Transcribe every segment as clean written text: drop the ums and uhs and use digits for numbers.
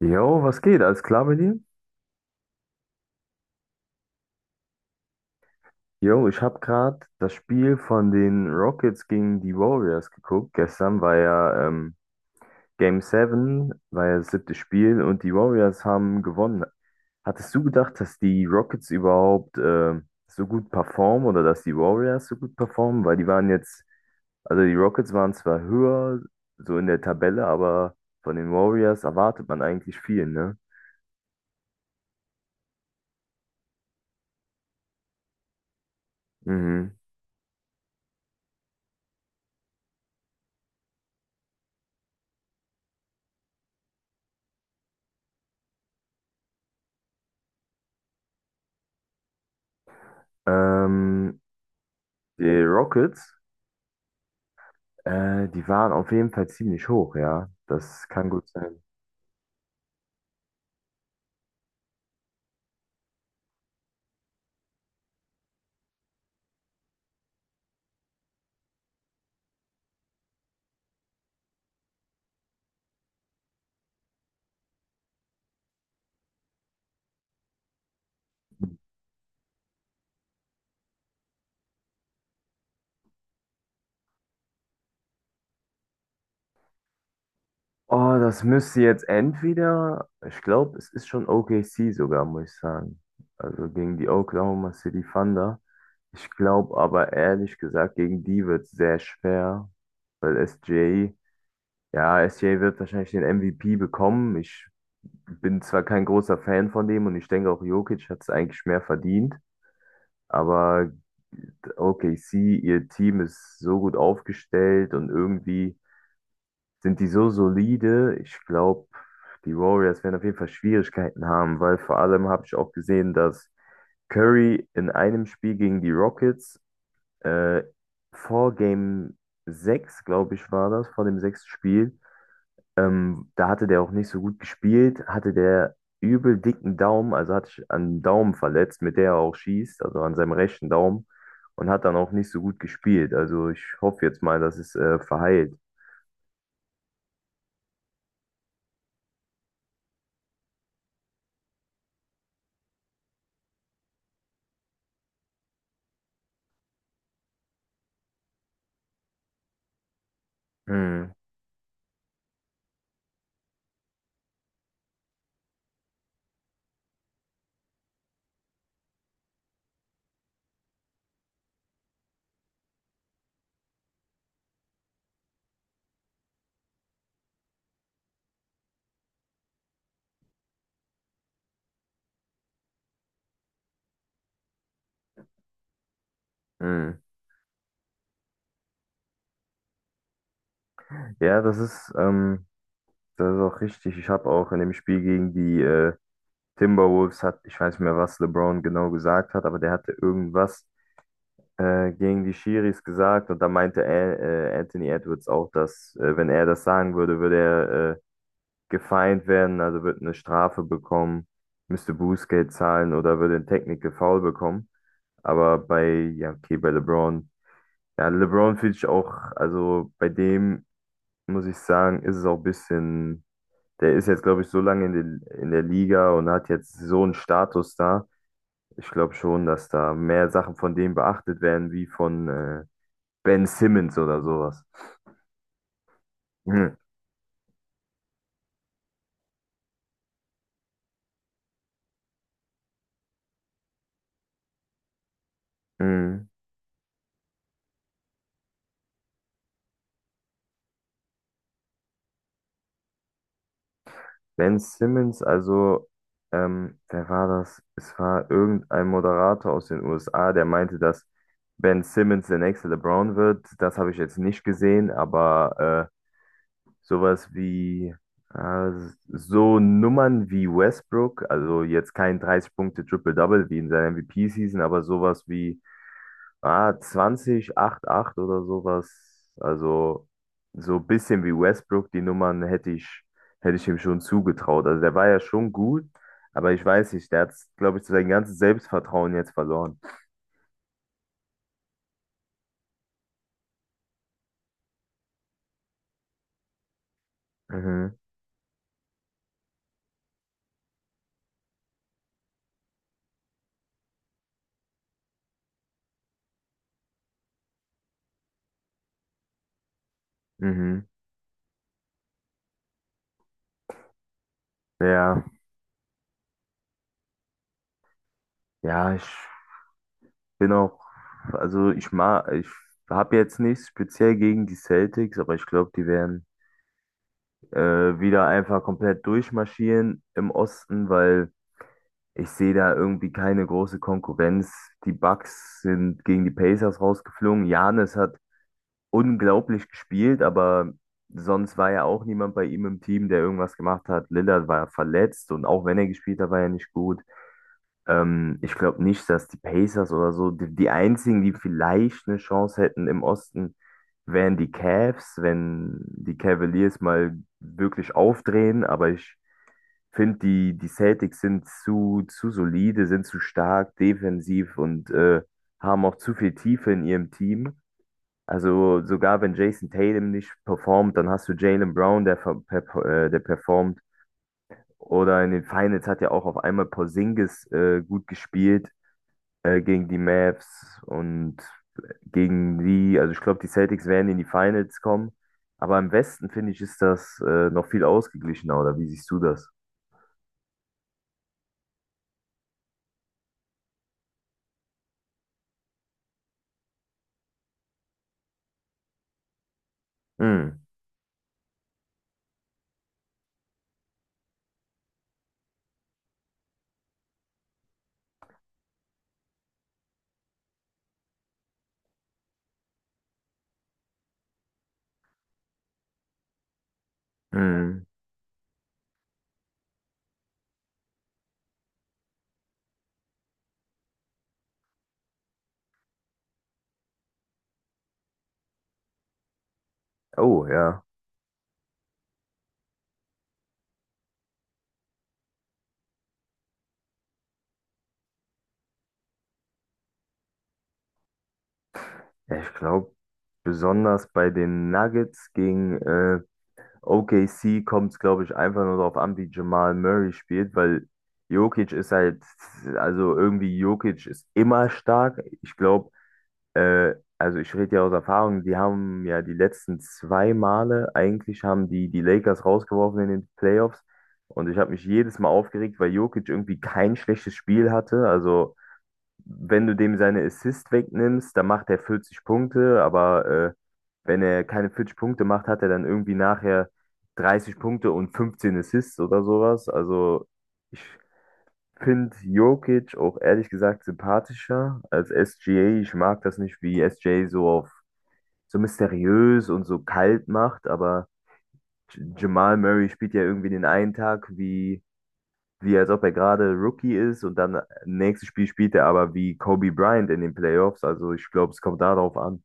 Jo, was geht? Alles klar bei dir? Jo, ich habe gerade das Spiel von den Rockets gegen die Warriors geguckt. Gestern war ja Game 7, war ja das siebte Spiel und die Warriors haben gewonnen. Hattest du gedacht, dass die Rockets überhaupt so gut performen oder dass die Warriors so gut performen? Weil die waren jetzt, also die Rockets waren zwar höher so in der Tabelle, aber von den Warriors erwartet man eigentlich viel, ne? Mhm. Ähm, die Rockets. Die waren auf jeden Fall ziemlich hoch, ja. Das kann gut sein. Oh, das müsste jetzt entweder, ich glaube, es ist schon OKC sogar, muss ich sagen. Also gegen die Oklahoma City Thunder. Ich glaube aber ehrlich gesagt, gegen die wird es sehr schwer, weil SGA, ja, SGA wird wahrscheinlich den MVP bekommen. Ich bin zwar kein großer Fan von dem und ich denke auch Jokic hat es eigentlich mehr verdient, aber OKC, ihr Team ist so gut aufgestellt und irgendwie sind die so solide? Ich glaube, die Warriors werden auf jeden Fall Schwierigkeiten haben, weil vor allem habe ich auch gesehen, dass Curry in einem Spiel gegen die Rockets äh, vor Game 6, glaube ich, war das, vor dem sechsten Spiel, da hatte der auch nicht so gut gespielt, hatte der übel dicken Daumen, also hat sich an den Daumen verletzt, mit der er auch schießt, also an seinem rechten Daumen und hat dann auch nicht so gut gespielt. Also ich hoffe jetzt mal, dass es verheilt. Hm, hm. Ja, das ist auch richtig. Ich habe auch in dem Spiel gegen die Timberwolves, hat, ich weiß nicht mehr, was LeBron genau gesagt hat, aber der hatte irgendwas gegen die Schiris gesagt und da meinte er, Anthony Edwards auch, dass wenn er das sagen würde, würde er gefeind werden, also würde eine Strafe bekommen, müsste Bußgeld zahlen oder würde ein Technical Foul bekommen. Aber bei, ja, okay, bei LeBron, ja, LeBron finde ich auch, also bei dem muss ich sagen, ist es auch ein bisschen. Der ist jetzt, glaube ich, so lange in der Liga und hat jetzt so einen Status da. Ich glaube schon, dass da mehr Sachen von dem beachtet werden, wie von Ben Simmons oder sowas. Hm. Hm. Ben Simmons, also, wer war das? Es war irgendein Moderator aus den USA, der meinte, dass Ben Simmons der nächste LeBron wird. Das habe ich jetzt nicht gesehen, aber äh, sowas wie äh, so Nummern wie Westbrook, also jetzt kein 30 punkte triple double wie in seiner MVP-Season, aber sowas wie 20 8 8 oder sowas. Also so ein bisschen wie Westbrook, die Nummern hätte ich ihm schon zugetraut. Also der war ja schon gut, aber ich weiß nicht, der hat, glaube ich, sein ganzes Selbstvertrauen jetzt verloren. Mhm, mhm. Ja, ja, ich bin auch, also ich mag, ich habe jetzt nichts speziell gegen die Celtics, aber ich glaube, die werden äh, wieder einfach komplett durchmarschieren im Osten, weil ich sehe da irgendwie keine große Konkurrenz. Die Bucks sind gegen die Pacers rausgeflogen. Giannis hat unglaublich gespielt, aber sonst war ja auch niemand bei ihm im Team, der irgendwas gemacht hat. Lillard war verletzt und auch wenn er gespielt hat, war er nicht gut. Ich glaube nicht, dass die Pacers oder so, die, die einzigen, die vielleicht eine Chance hätten im Osten, wären die Cavs, wenn die Cavaliers mal wirklich aufdrehen. Aber ich finde, die Celtics sind zu solide, sind zu stark defensiv und haben auch zu viel Tiefe in ihrem Team. Also sogar wenn Jason Tatum nicht performt, dann hast du Jaylen Brown, der performt. Oder in den Finals hat ja auch auf einmal Porzingis gut gespielt gegen die Mavs und gegen die, also ich glaube, die Celtics werden in die Finals kommen. Aber im Westen, finde ich, ist das noch viel ausgeglichener, oder wie siehst du das? Hm, hm. Oh, ja. Ja, ich glaube, besonders bei den Nuggets gegen OKC kommt es, glaube ich, einfach nur darauf an, wie Jamal Murray spielt, weil Jokic ist halt, also irgendwie Jokic ist immer stark. Ich glaube, also ich rede ja aus Erfahrung, die haben ja die letzten zwei Male, eigentlich haben die die Lakers rausgeworfen in den Playoffs und ich habe mich jedes Mal aufgeregt, weil Jokic irgendwie kein schlechtes Spiel hatte. Also wenn du dem seine Assist wegnimmst, dann macht er 40 Punkte, aber äh, wenn er keine 40 Punkte macht, hat er dann irgendwie nachher 30 Punkte und 15 Assists oder sowas. Also ich finde Jokic auch ehrlich gesagt sympathischer als SGA. Ich mag das nicht, wie SGA so auf so mysteriös und so kalt macht, aber Jamal Murray spielt ja irgendwie den einen Tag wie als ob er gerade Rookie ist und dann nächstes Spiel spielt er aber wie Kobe Bryant in den Playoffs. Also ich glaube, es kommt darauf an.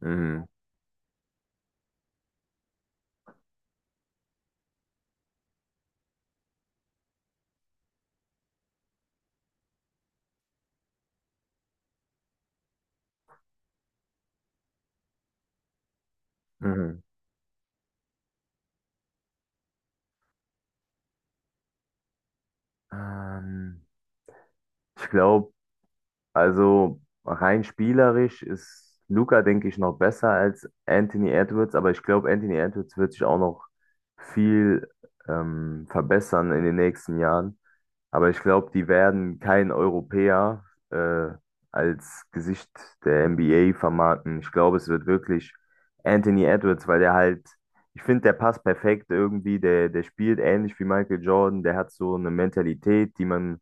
Mhm. Mhm. Ähm, ich glaube, also rein spielerisch ist Luka, denke ich, noch besser als Anthony Edwards, aber ich glaube, Anthony Edwards wird sich auch noch viel verbessern in den nächsten Jahren. Aber ich glaube, die werden keinen Europäer äh, als Gesicht der NBA vermarkten. Ich glaube, es wird wirklich Anthony Edwards, weil der halt, ich finde, der passt perfekt irgendwie, der spielt ähnlich wie Michael Jordan, der hat so eine Mentalität, die man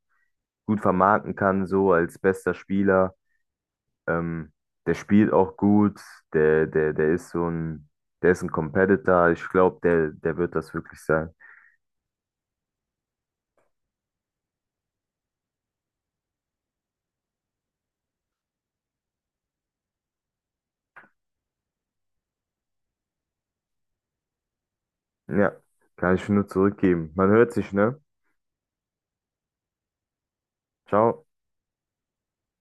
gut vermarkten kann, so als bester Spieler. Ähm, der spielt auch gut, der ist so ein, der ist ein Competitor. Ich glaube, der wird das wirklich sein. Ja, kann ich nur zurückgeben. Man hört sich, ne? Ciao.